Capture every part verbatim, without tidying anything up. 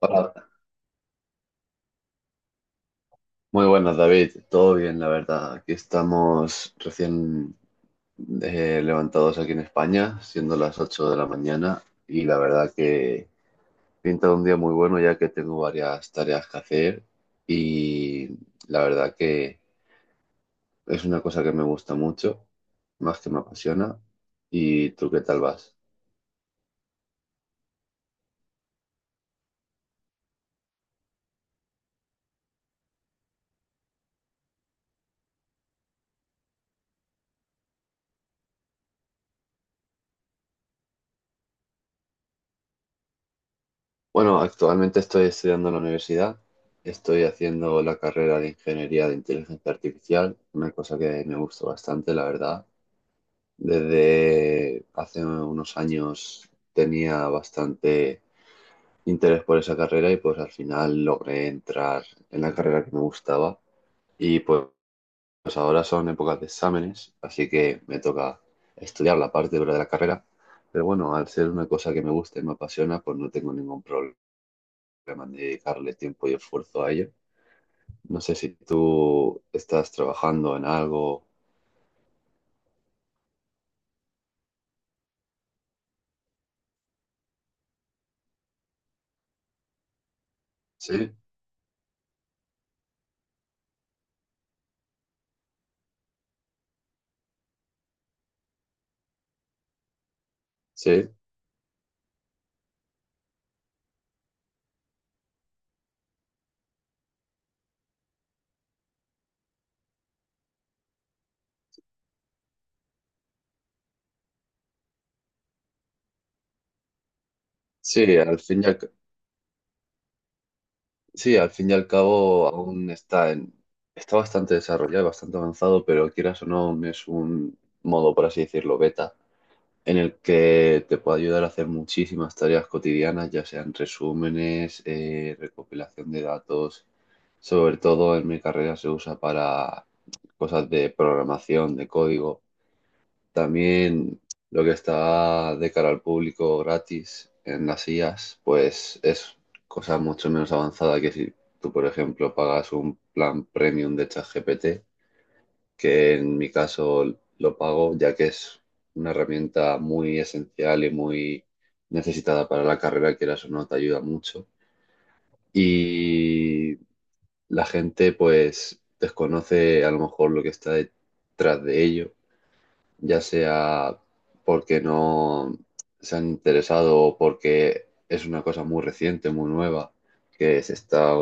Hola. Muy buenas, David. Todo bien, la verdad. Aquí estamos recién eh, levantados aquí en España, siendo las ocho de la mañana, y la verdad que pinta un día muy bueno ya que tengo varias tareas que hacer y la verdad que es una cosa que me gusta mucho, más que me apasiona. ¿Y tú qué tal vas? Bueno, actualmente estoy estudiando en la universidad. Estoy haciendo la carrera de Ingeniería de Inteligencia Artificial, una cosa que me gusta bastante, la verdad. Desde hace unos años tenía bastante interés por esa carrera y pues al final logré entrar en la carrera que me gustaba. Y pues, pues ahora son épocas de exámenes, así que me toca estudiar la parte dura de la carrera. Pero bueno, al ser una cosa que me gusta y me apasiona, pues no tengo ningún problema problemas ni dedicarle tiempo y esfuerzo a ello. No sé si tú estás trabajando en algo. Sí, sí, sí, al fin y al, ca- sí, al fin y al cabo aún está en, está bastante desarrollado, bastante avanzado, pero quieras o no, es un modo, por así decirlo, beta, en el que te puede ayudar a hacer muchísimas tareas cotidianas, ya sean resúmenes, eh, recopilación de datos. Sobre todo en mi carrera se usa para cosas de programación, de código. También lo que está de cara al público gratis en las I As, pues es cosa mucho menos avanzada que si tú, por ejemplo, pagas un plan premium de ChatGPT, que en mi caso lo pago ya que es una herramienta muy esencial y muy necesitada para la carrera, quieras o no, te ayuda mucho. Y la gente pues desconoce a lo mejor lo que está detrás de ello ya sea porque no se han interesado o porque es una cosa muy reciente, muy nueva, que se está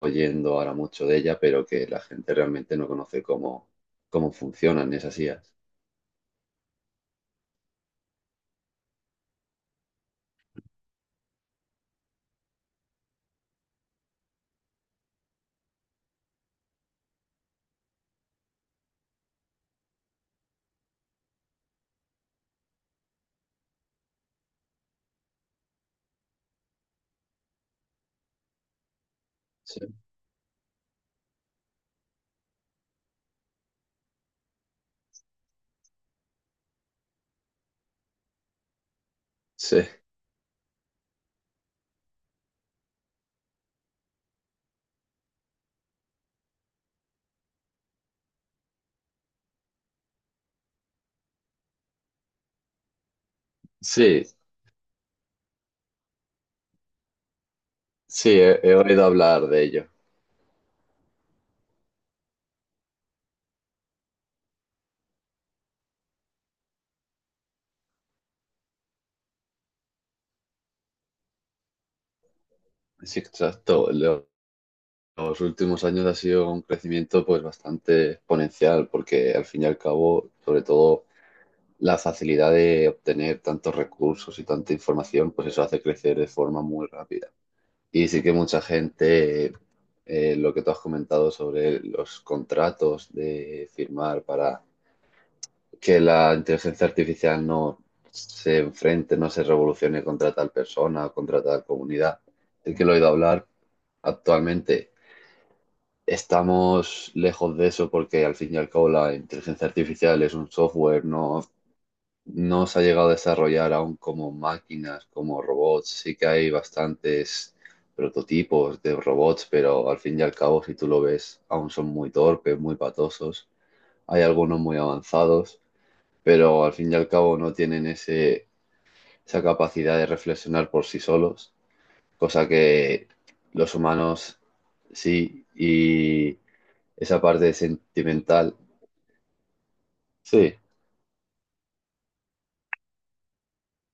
oyendo ahora mucho de ella, pero que la gente realmente no conoce cómo, cómo funcionan esas I As. Sí, sí, sí, sí, he, he oído hablar de ello. Sí, exacto. Lo- los últimos años ha sido un crecimiento pues bastante exponencial, porque al fin y al cabo, sobre todo la facilidad de obtener tantos recursos y tanta información, pues eso hace crecer de forma muy rápida. Y sí que mucha gente, eh, lo que tú has comentado sobre los contratos de firmar para que la inteligencia artificial no se enfrente, no se revolucione contra tal persona o contra tal comunidad, el que lo he oído hablar actualmente. Estamos lejos de eso porque al fin y al cabo la inteligencia artificial es un software, no, no se ha llegado a desarrollar aún como máquinas, como robots. Sí que hay bastantes prototipos de robots, pero al fin y al cabo, si tú lo ves, aún son muy torpes, muy patosos. Hay algunos muy avanzados, pero al fin y al cabo no tienen ese, esa capacidad de reflexionar por sí solos, cosa que los humanos sí y esa parte sentimental. Sí,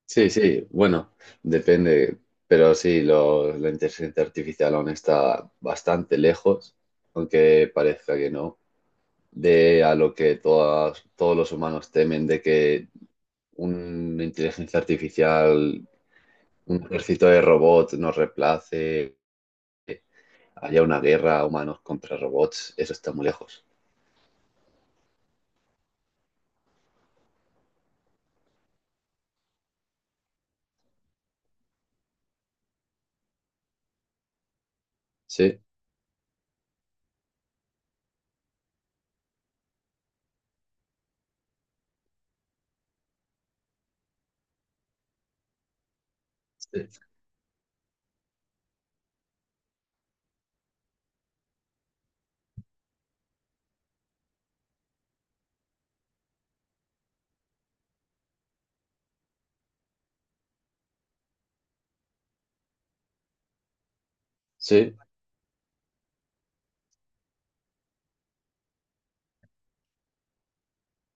sí, sí. Bueno, depende. Pero sí, lo- la inteligencia artificial aún está bastante lejos, aunque parezca que no, de a lo que todas, todos los humanos temen, de que una inteligencia artificial, un ejército de robots nos reemplace, haya una guerra humanos contra robots, eso está muy lejos. Sí, sí, sí,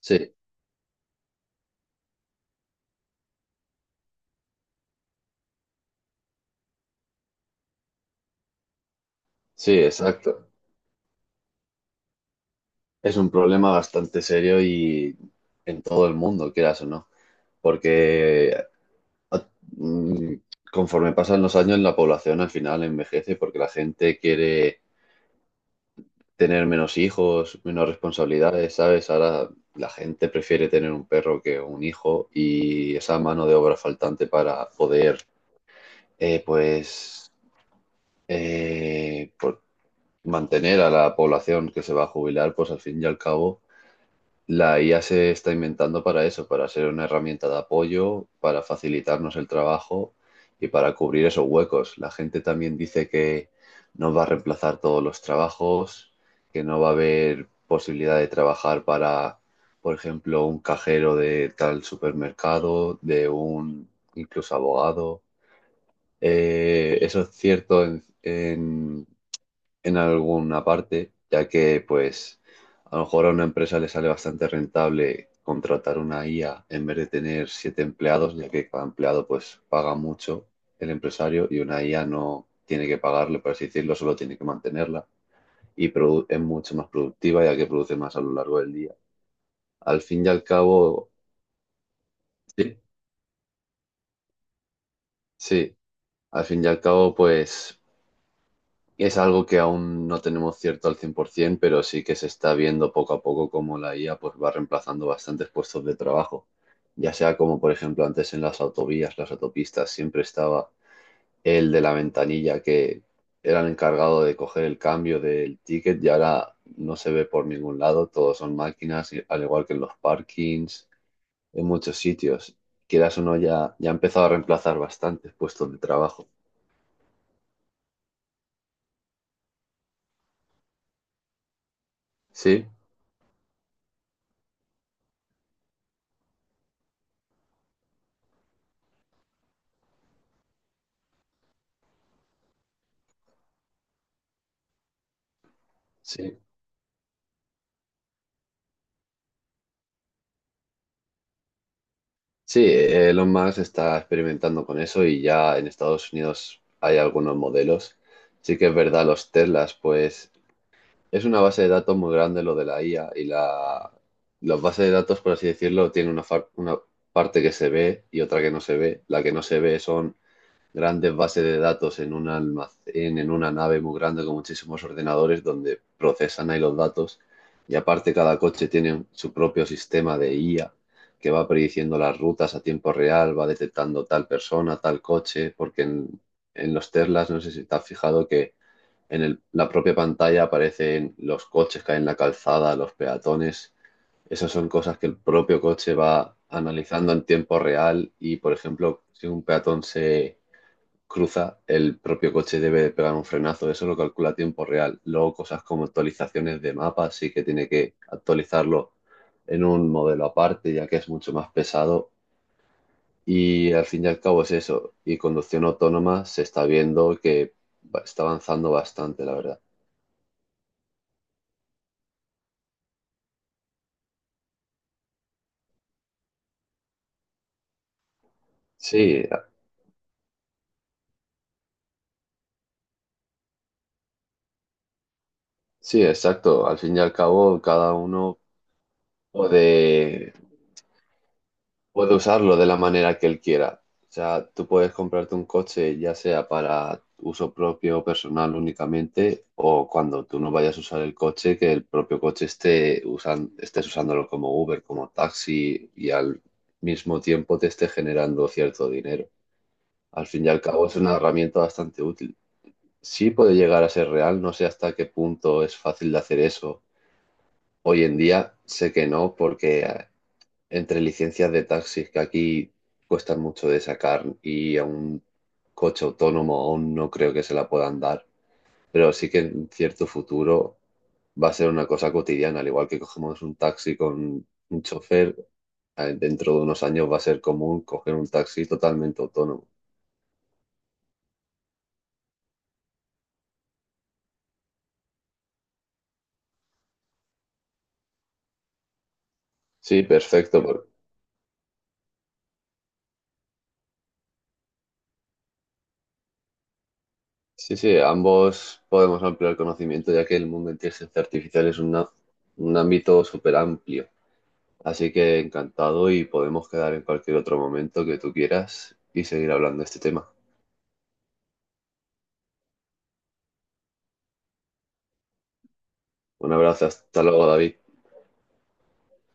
sí, sí, exacto. Es un problema bastante serio y en todo el mundo, quieras o no, porque a- mm, conforme pasan los años la población al final envejece porque la gente quiere tener menos hijos, menos responsabilidades, ¿sabes? Ahora la gente prefiere tener un perro que un hijo y esa mano de obra faltante para poder, eh, pues, eh, por- mantener a la población que se va a jubilar, pues al fin y al cabo la I A se está inventando para eso, para ser una herramienta de apoyo, para facilitarnos el trabajo y para cubrir esos huecos. La gente también dice que nos va a reemplazar todos los trabajos, que no va a haber posibilidad de trabajar para, por ejemplo, un cajero de tal supermercado, de un incluso abogado. Eh, eso es cierto en, en en alguna parte, ya que pues a lo mejor a una empresa le sale bastante rentable contratar una I A en vez de tener siete empleados, ya que cada empleado pues paga mucho el empresario y una I A no tiene que pagarle, por así decirlo, solo tiene que mantenerla y produ- es mucho más productiva ya que produce más a lo largo del día. Al fin y al cabo, sí, sí, al fin y al cabo pues es algo que aún no tenemos cierto al cien por ciento, pero sí que se está viendo poco a poco cómo la I A pues, va reemplazando bastantes puestos de trabajo. Ya sea como, por ejemplo, antes en las autovías, las autopistas, siempre estaba el de la ventanilla que era el encargado de coger el cambio del ticket y ahora no se ve por ningún lado, todos son máquinas, y- al igual que en los parkings, en muchos sitios. Quieras o no, ya, ya ha empezado a reemplazar bastantes puestos de trabajo. Sí, sí. Sí, eh, Elon Musk está experimentando con eso y ya en Estados Unidos hay algunos modelos. Sí que es verdad, los Teslas, pues es una base de datos muy grande lo de la I A y la, las bases de datos, por así decirlo, tienen una, far- una parte que se ve y otra que no se ve. La que no se ve son grandes bases de datos en un almacén, en una nave muy grande con muchísimos ordenadores donde procesan ahí los datos y aparte cada coche tiene su propio sistema de I A que va prediciendo las rutas a tiempo real, va detectando tal persona, tal coche, porque en, en los Teslas, no sé si te has fijado que en el- la propia pantalla aparecen los coches que hay en la calzada, los peatones. Esas son cosas que el propio coche va analizando en tiempo real y, por ejemplo, si un peatón se cruza, el propio coche debe pegar un frenazo. Eso lo calcula a tiempo real. Luego cosas como actualizaciones de mapas, sí que tiene que actualizarlo en un modelo aparte, ya que es mucho más pesado. Y al fin y al cabo es eso. Y conducción autónoma se está viendo que va- está avanzando bastante, la verdad. Sí, sí, exacto. Al fin y al cabo, cada uno puede. puede usarlo de la manera que él quiera. O sea, tú puedes comprarte un coche ya sea para uso propio o personal únicamente, o cuando tú no vayas a usar el coche, que el propio coche esté usan- estés usándolo como Uber, como taxi, y al mismo tiempo te esté generando cierto dinero. Al fin y al cabo es una herramienta bastante útil. Sí puede llegar a ser real, no sé hasta qué punto es fácil de hacer eso. Hoy en día sé que no, porque entre licencias de taxis que aquí cuestan mucho de sacar y a un coche autónomo aún no creo que se la puedan dar, pero sí que en cierto futuro va a ser una cosa cotidiana, al igual que cogemos un taxi con un chofer, eh, dentro de unos años va a ser común coger un taxi totalmente autónomo. Sí, perfecto. por- Sí, sí, ambos podemos ampliar el conocimiento ya que el mundo de inteligencia artificial es una- un ámbito súper amplio. Así que encantado y podemos quedar en cualquier otro momento que tú quieras y seguir hablando de este tema. Un abrazo, hasta luego, David.